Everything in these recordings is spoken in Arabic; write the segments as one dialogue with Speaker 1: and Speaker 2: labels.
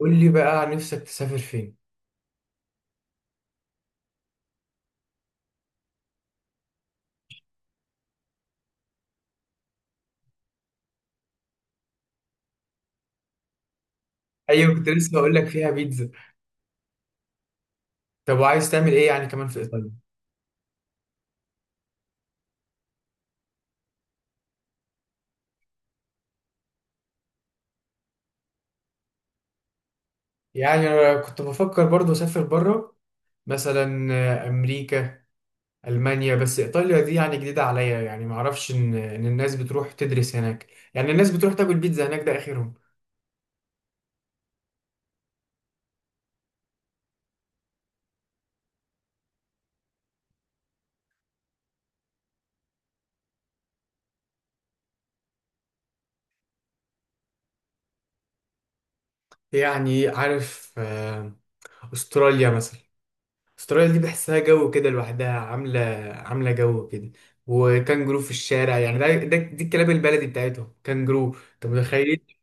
Speaker 1: قول لي بقى عن نفسك، تسافر فين؟ ايوه، كنت لسه اقول لك فيها بيتزا. طب وعايز تعمل ايه يعني كمان في ايطاليا؟ يعني انا كنت بفكر برضو اسافر بره. مثلا، امريكا. المانيا. بس ايطاليا دي يعني جديده عليا، يعني ما اعرفش ان الناس بتروح تدرس هناك. يعني الناس بتروح تاكل بيتزا هناك، ده اخرهم. يعني عارف، استراليا مثلا. استراليا دي بحسها جو كده لوحدها، عامله جو كده. وكانجرو في الشارع، يعني ده, ده دي الكلاب البلدي بتاعتهم كانجرو، انت متخيل؟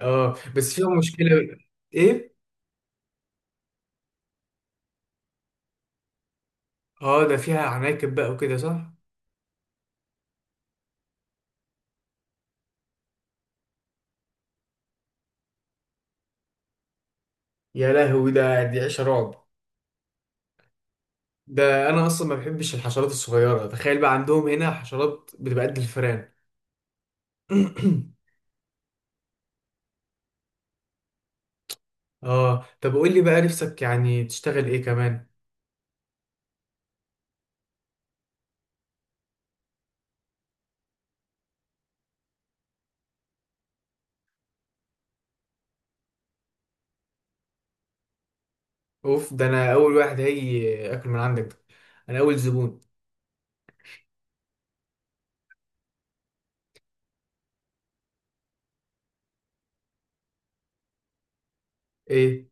Speaker 1: اه، بس فيها مشكلة. ايه؟ اه، ده فيها عناكب بقى وكده، صح؟ يا لهوي، ده دي عيشة رعب. ده انا اصلا ما بحبش الحشرات الصغيرة، تخيل بقى عندهم هنا حشرات بتبقى قد الفئران. اه، طب قول لي بقى، نفسك يعني تشتغل ايه كمان؟ اوف، ده انا اول واحد هيجي اكل من عندك، ده انا اول زبون. ايه؟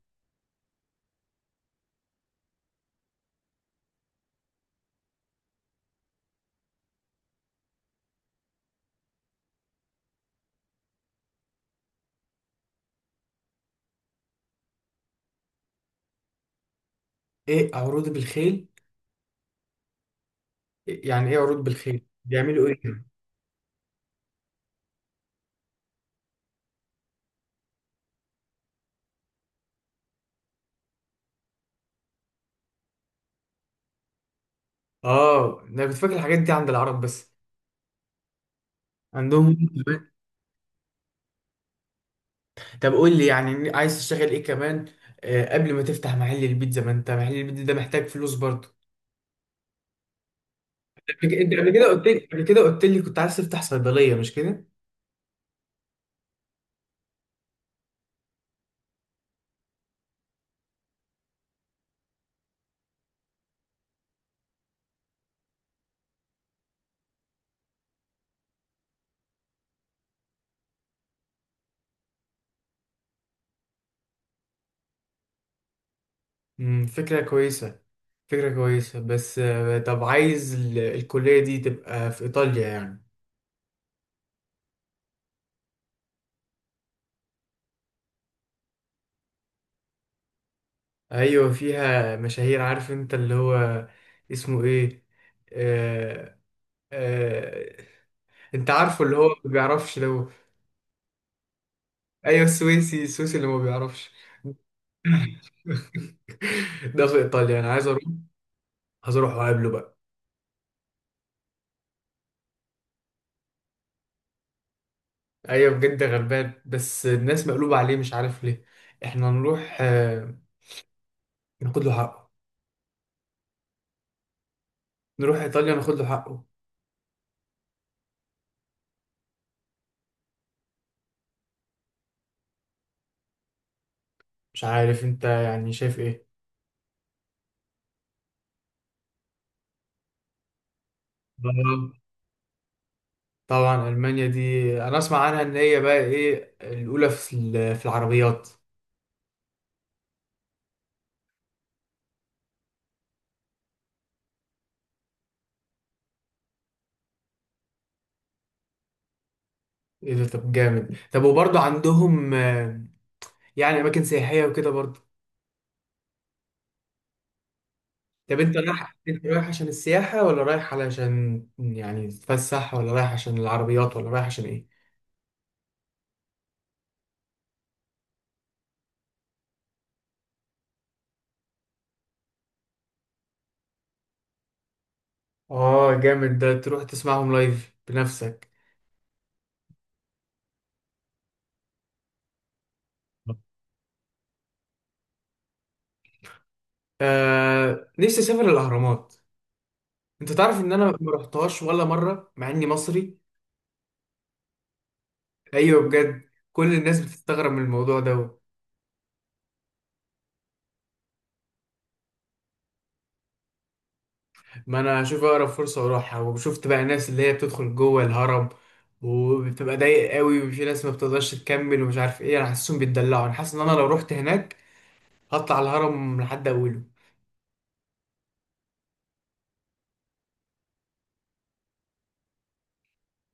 Speaker 1: ايه عروض بالخيل؟ يعني ايه عروض بالخيل؟ بيعملوا ايه؟ اه، انا كنت فاكر الحاجات دي عند العرب بس، عندهم. طب قول لي، يعني عايز تشتغل ايه كمان؟ قبل ما تفتح محل البيتزا، ما انت محل البيتزا ده محتاج فلوس برضه. انت قبل كده قلت لي، كنت عايز تفتح صيدلية، مش كده؟ فكرة كويسة، فكرة كويسة، بس طب عايز الكلية دي تبقى في إيطاليا يعني؟ أيوة، فيها مشاهير، عارف أنت اللي هو اسمه إيه؟ آه آه أنت عارفه اللي هو ما بيعرفش، لو... أيوة، السويسي، السويسي اللي ما بيعرفش. ده في ايطاليا، انا عايز اروح، عايز اروح واقابله بقى. ايوه بجد، غلبان، بس الناس مقلوبه عليه مش عارف ليه. احنا نروح، ناخد له حقه. نروح ايطاليا ناخد له حقه. مش عارف، انت يعني شايف ايه؟ طبعا. المانيا دي انا اسمع عنها ان هي بقى ايه، الاولى في في العربيات. ايه ده؟ طب جامد. طب وبرضه عندهم يعني اماكن سياحيه وكده برضه؟ طب انت رايح عشان السياحة، ولا رايح علشان يعني تتفسح، ولا رايح عشان العربيات، ولا رايح عشان ايه؟ اه جامد، ده تروح تسمعهم لايف بنفسك. نفسي اسافر الاهرامات. انت تعرف ان انا ما رحتهاش ولا مرة، مع اني مصري؟ ايوه بجد، كل الناس بتستغرب من الموضوع ده. ما انا اشوف اقرب فرصة واروحها. وشفت بقى ناس اللي هي بتدخل جوه الهرم، وبتبقى ضايق قوي، وفي ناس ما بتقدرش تكمل ومش عارف ايه. انا حاسسهم بيتدلعوا، انا حاسس ان انا لو رحت هناك هطلع الهرم لحد اوله.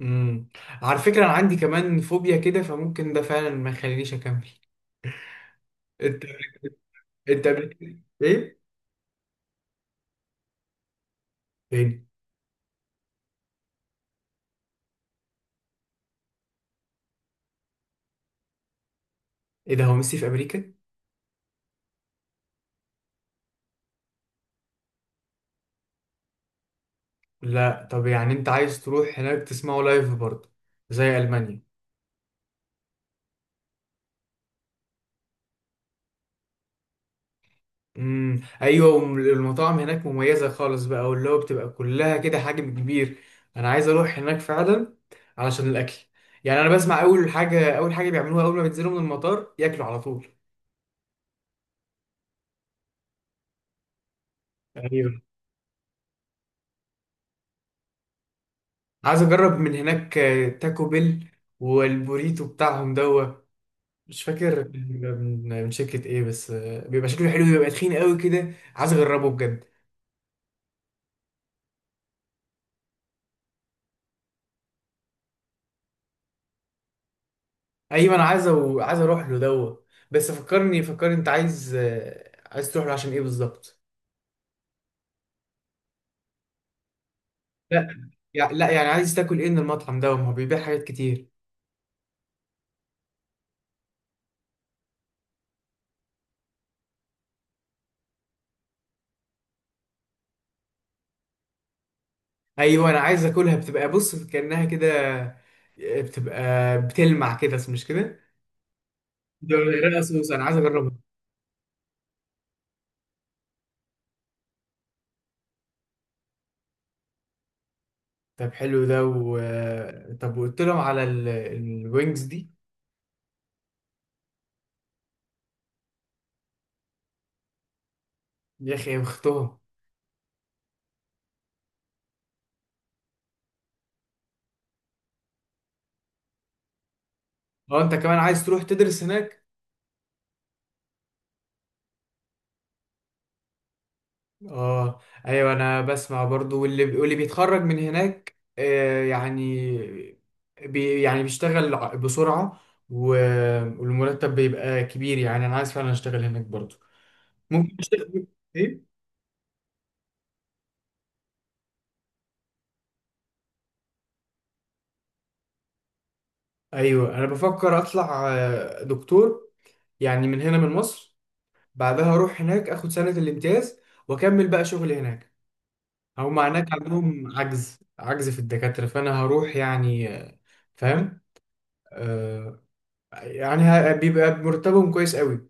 Speaker 1: امم. على فكرة، انا عندي كمان فوبيا كده، فممكن ده فعلا ما يخلينيش اكمل. انت انت ايه؟ فين؟ ايه ده؟ هو ميسي في امريكا؟ لا، طب يعني انت عايز تروح هناك تسمعه لايف برضه زي المانيا؟ امم، ايوه، المطاعم هناك مميزة خالص بقى، واللي هو بتبقى كلها كده حجم كبير. انا عايز اروح هناك فعلا، علشان الاكل. يعني انا بسمع، اول حاجة اول حاجة بيعملوها اول ما بينزلوا من المطار، ياكلوا على طول. أيوة. عايز اجرب من هناك تاكو بيل، والبوريتو بتاعهم دوا. مش فاكر بيبقى من شركة ايه، بس بيبقى شكله حلو، بيبقى تخين قوي كده، عايز اجربه بجد. ايوه، انا عايز عايز اروح له دوا. بس فكرني فكرني، انت عايز تروح له عشان ايه بالظبط؟ لا. لا يعني عايز تاكل ايه من المطعم ده؟ ما هو بيبيع حاجات كتير. ايوه، انا عايز اكلها، بتبقى بص كأنها كده، بتبقى بتلمع كده، مش كده؟ ده رقص صوص، انا عايز اجربها. طب حلو ده. طب وقلت لهم على الوينجز دي؟ يا اخي، اختهم! اه، انت كمان عايز تروح تدرس هناك؟ اه. ايوه، انا بسمع برضو، واللي بيتخرج من هناك يعني يعني بيشتغل بسرعة. و... والمرتب بيبقى كبير، يعني انا عايز فعلا اشتغل هناك برضو. ممكن اشتغل ايه. ايوه، انا بفكر اطلع دكتور، يعني من هنا من مصر. بعدها اروح هناك اخد سنة الامتياز، واكمل بقى شغلي هناك. هم هناك عندهم عجز في الدكاترة، فأنا هروح يعني. فاهم. آه. يعني بيبقى مرتبهم كويس قوي.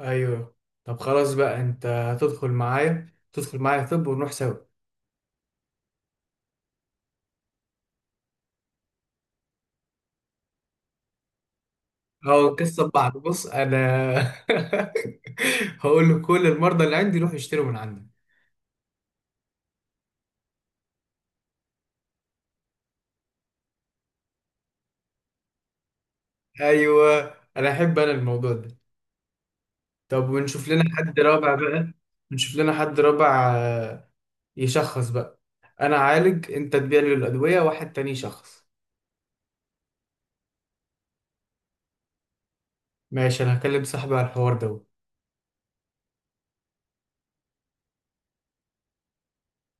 Speaker 1: أيوه. طب خلاص بقى، أنت هتدخل معايا، تدخل معايا، طب ونروح سوا؟ هو القصة ببعض، بص أنا هقول له كل المرضى اللي عندي روح يشتروا من عندي. أيوه، أنا أحب أنا الموضوع ده. طب ونشوف لنا حد رابع بقى. نشوف لنا حد رابع، يشخص بقى. انا اعالج، انت تبيع لي الادويه، واحد تاني يشخص. ماشي، انا هكلم صاحبي على الحوار ده.